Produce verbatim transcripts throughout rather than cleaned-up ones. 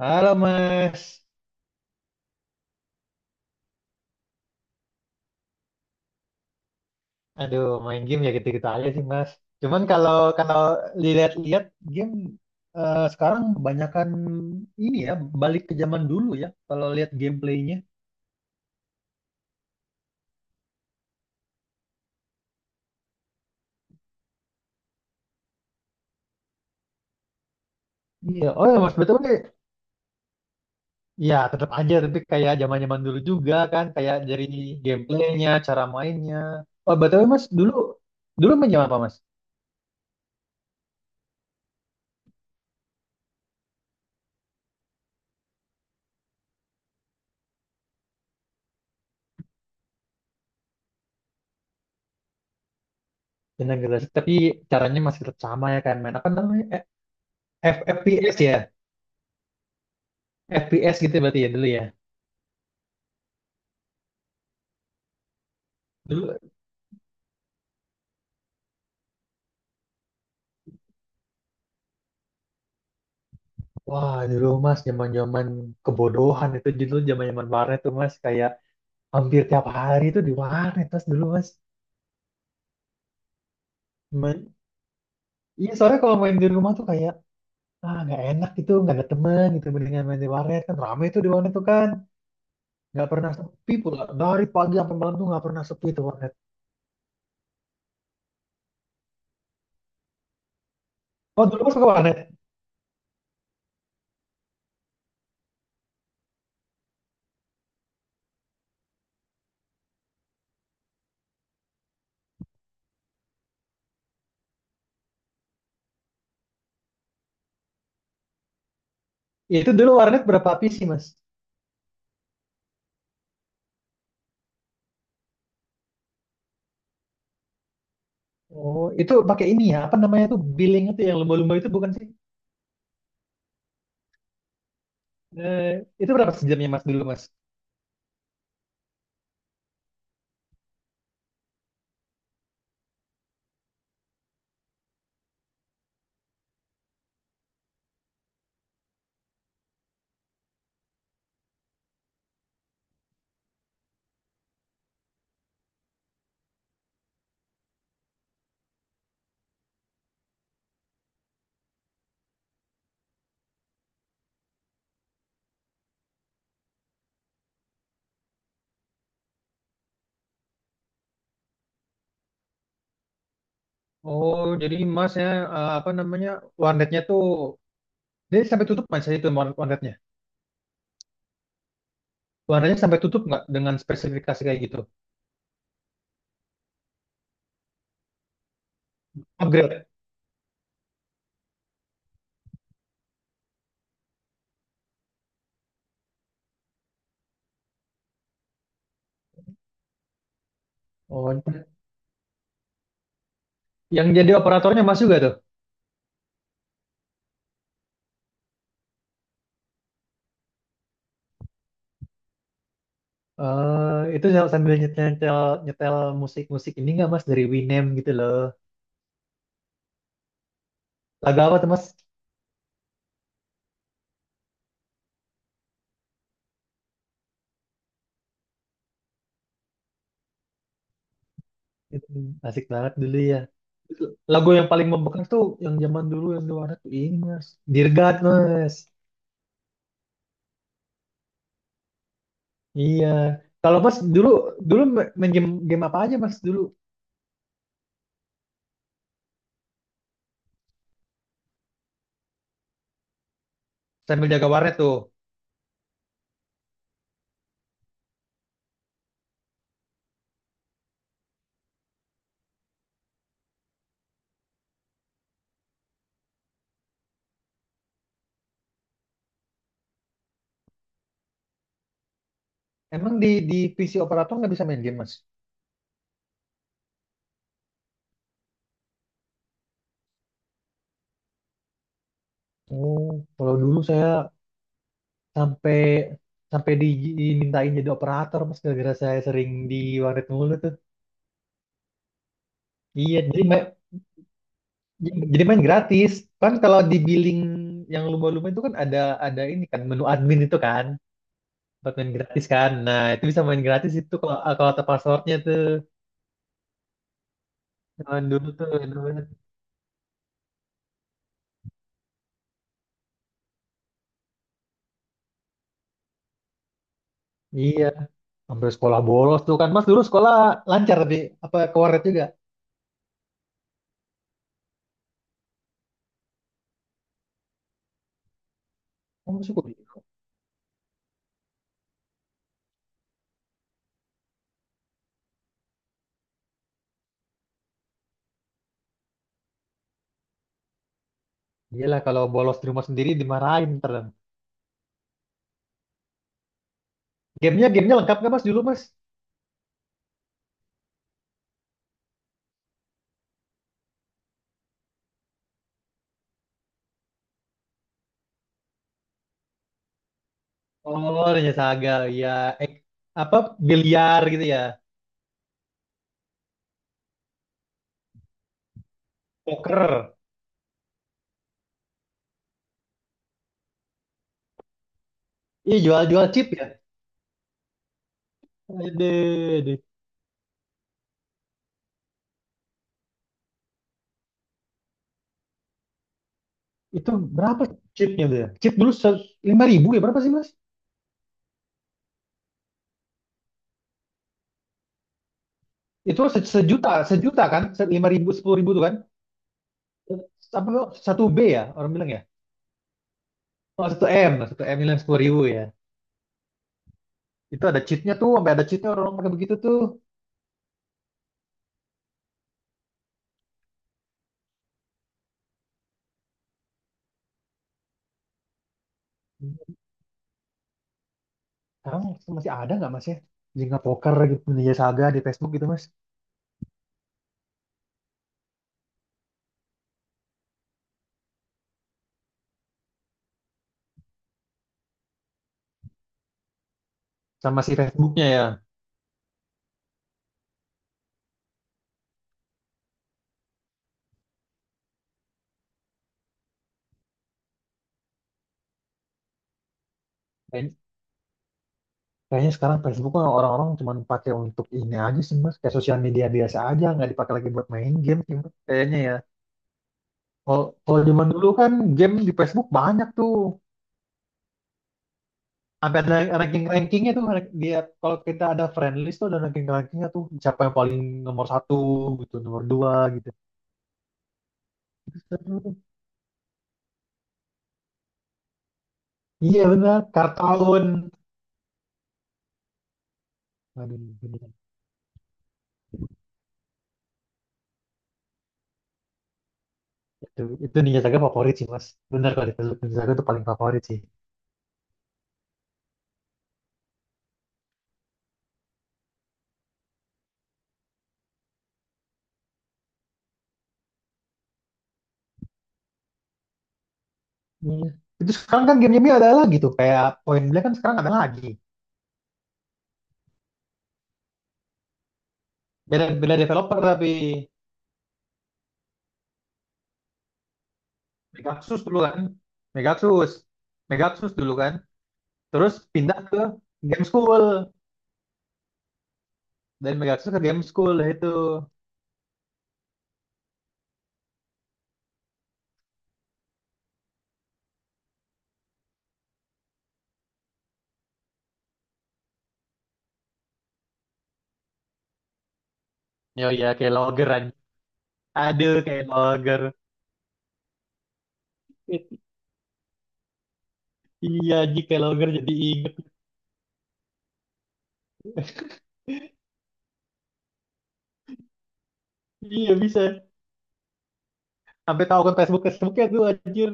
Halo Mas. Aduh main game ya gitu-gitu aja sih Mas. Cuman kalau kalau dilihat-lihat game eh, sekarang kebanyakan ini ya balik ke zaman dulu ya kalau lihat gameplaynya. Iya, oh ya Mas betul nih. Ya tetap aja tapi kayak zaman-zaman dulu juga kan kayak dari gameplaynya, cara mainnya. Oh betul Mas, dulu dulu main game apa Mas? Dengan generasi tapi caranya masih tetap sama ya kan, main apa namanya? Eh, F- P S ya, F P S gitu berarti ya dulu ya. Dulu Wah, dulu Mas, zaman-zaman kebodohan itu, dulu zaman-zaman warnet tuh Mas, kayak hampir tiap hari tuh di warnet Mas dulu Mas. Main- Iya, soalnya kalau main di rumah tuh kayak ah nggak enak gitu, nggak ada temen gitu, mendingan main di warnet kan rame tuh di warnet tuh kan, nggak pernah sepi pula. Dari pagi sampai malam tuh nggak pernah sepi tuh warnet. Oh, dulu Mas ke warnet. Ya, itu dulu warnet berapa P C Mas? Oh, itu pakai ini ya, apa namanya tuh billing itu yang lumba-lumba itu bukan sih? Eh, itu berapa sejamnya Mas dulu Mas? Oh, jadi masnya eh, apa namanya warnetnya tuh jadi sampai tutup mas ya, itu warnet warnetnya. Warnetnya sampai tutup nggak dengan spesifikasi kayak gitu? Upgrade. Oh, yang jadi operatornya mas juga tuh. Eh itu sam- sambil nyetel nyetel, nyetel musik musik ini nggak mas, dari Winem gitu loh. Lagu apa tuh mas? Itu asik banget dulu ya. Lagu yang paling membekas tuh yang zaman dulu yang di warnet tuh ini mas. Dear God mas. Iya. Kalau mas dulu, dulu main game game apa aja mas dulu? Sambil jaga warnet tuh. Emang di di P C operator nggak bisa main game, Mas? Oh, kalau dulu saya sampai sampai di- dimintain jadi operator, Mas, gara-gara saya sering di warnet mulu tuh. Iya, jadi main, jadi main gratis. Kan kalau di billing yang lumba-lumba itu kan ada, ada ini kan menu admin itu kan buat main gratis kan. Nah, itu bisa main gratis itu kalau kalau ada passwordnya tuh. Zaman dulu tuh enak banget. Iya, sampai sekolah bolos tuh kan. Mas dulu sekolah lancar tapi apa ke warnet juga? Oh, syukur. Iyalah, kalau bolos di rumah sendiri dimarahin ntar. Gamenya gamenya lengkap nggak mas dulu mas? Oh ternyata Saga ya, eh, apa biliar gitu ya, poker. Iya jual-jual chip ya. Aduh, aduh. Itu berapa chipnya tuh? Ya? Chip dulu lima ribu ya berapa sih mas? Itu se- sejuta sejuta kan? Lima ribu sepuluh ribu tuh kan? Apa tuh? Satu B ya orang bilang ya? Oh satu M, satu M bilang sepuluh ribu ya. Itu ada cheatnya tuh, sampai ada cheatnya orang pakai begitu tuh. Sekarang masih ada nggak mas ya? Jenga poker gitu, Ninja Saga di Facebook gitu mas. Sama si Facebooknya ya. Kayak- Kayaknya sekarang Facebook kan orang-orang cuma pakai untuk ini aja sih mas. Kayak sosial media biasa aja, nggak dipakai lagi buat main game sih mas. Kayaknya ya. Kalau kalau zaman dulu kan game di Facebook banyak tuh. Sampai ada ranking-rankingnya tuh. rank- Dia kalau kita ada friend list tuh ada ranking-rankingnya tuh. Siapa yang paling nomor satu gitu, nomor dua gitu. Itu seru tuh. Iya benar, kartun. Aduh, bener. Itu, itu Ninja Saga favorit sih mas. Bener kalau dipeluk Ninja Saga itu paling favorit sih. Iya. Itu sekarang kan game-game ada lagi tuh. Kayak Point Blank kan sekarang ada lagi. Beda, beda developer tapi Megaxus dulu kan. Megaxus. Megaxus dulu kan. Terus pindah ke Game School. Dan Megaxus ke Game School lah itu. Ya iya kayak logger anjing. Aduh kayak logger. Iya anjing kayak logger, jadi inget. Iya bisa. Sampai tahu akun Facebook Facebooknya tuh anjir.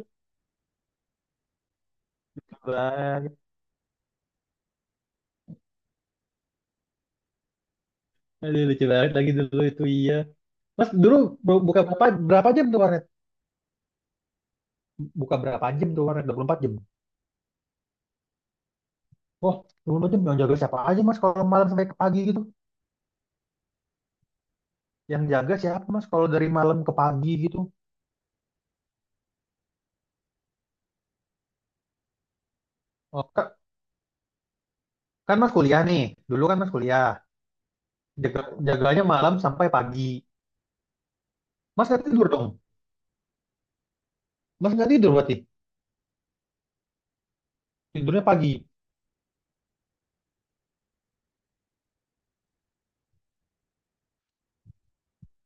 Bang. Aduh lucu banget lagi dulu itu iya. Mas dulu bu- buka berapa berapa jam tuh warnet? Buka berapa jam tuh warnet? dua puluh empat jam. Oh, dua puluh empat jam yang jaga siapa aja Mas kalau malam sampai ke pagi gitu? Yang jaga siapa Mas kalau dari malam ke pagi gitu? Oh, ka- kan Mas kuliah nih. Dulu kan Mas kuliah. Jaga, jaganya malam sampai pagi. Mas nggak tidur dong? Mas nggak tidur berarti? Tidurnya pagi.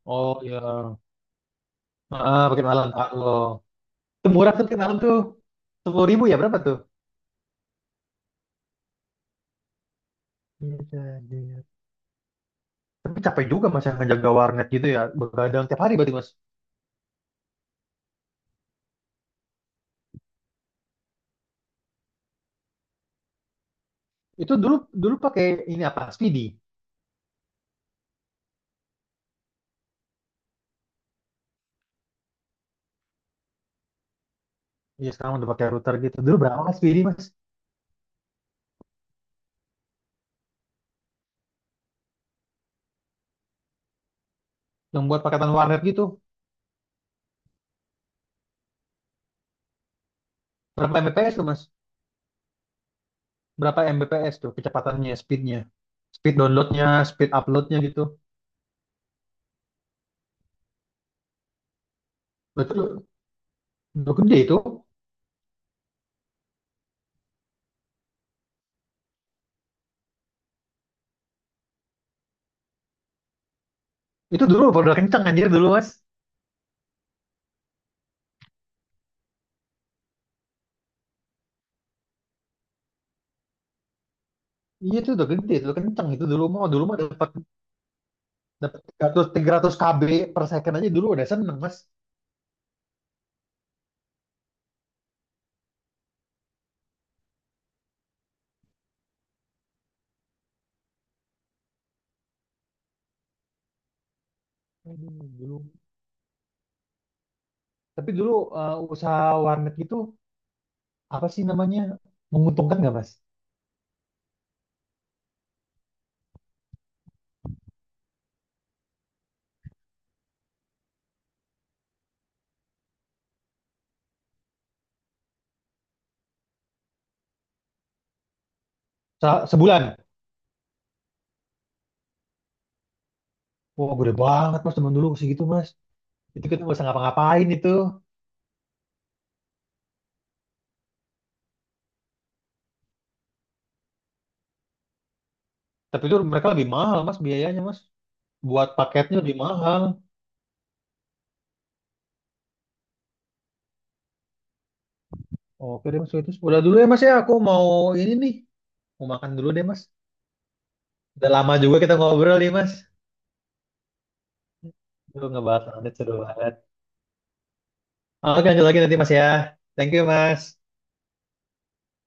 Oh ya. Ah, pakai malam. Ah, oh. Itu murah tuh pakai malam tuh. Sepuluh ribu ya berapa tuh? Iya, iya. Tapi capek juga Mas yang ngejaga warnet gitu ya. Begadang tiap hari berarti Mas. Itu dulu, dulu pakai ini apa? Speedy. Iya, sekarang udah pakai router gitu. Dulu berapa mas Speedy, Mas? Yang buat paketan warnet gitu. Berapa Mbps tuh, Mas? Berapa Mbps tuh kecepatannya, speednya? Speed downloadnya, speed uploadnya gitu. Lah, udah gede itu. Itu dulu udah kenceng anjir dulu, Mas. Iya itu udah gede, itu udah kenceng itu dulu, mau dulu mah dapat dapat tiga ratus K B per second aja dulu udah seneng, Mas. Aduh, dulu. Tapi dulu eh, usaha warnet itu apa sih namanya? Menguntungkan nggak, Mas? Se- sebulan. Wah, gede banget mas teman dulu segitu mas. Itu kita nggak bisa ngapa-ngapain itu. Tapi itu mereka lebih mahal mas biayanya mas. Buat paketnya lebih mahal. Oke deh mas itu udah dulu ya mas ya. Aku mau ini nih. Mau makan dulu deh mas. Udah lama juga kita ngobrol nih mas. Lu ngebahas audit seru banget. Oke lanjut lagi nanti mas ya. Thank you mas.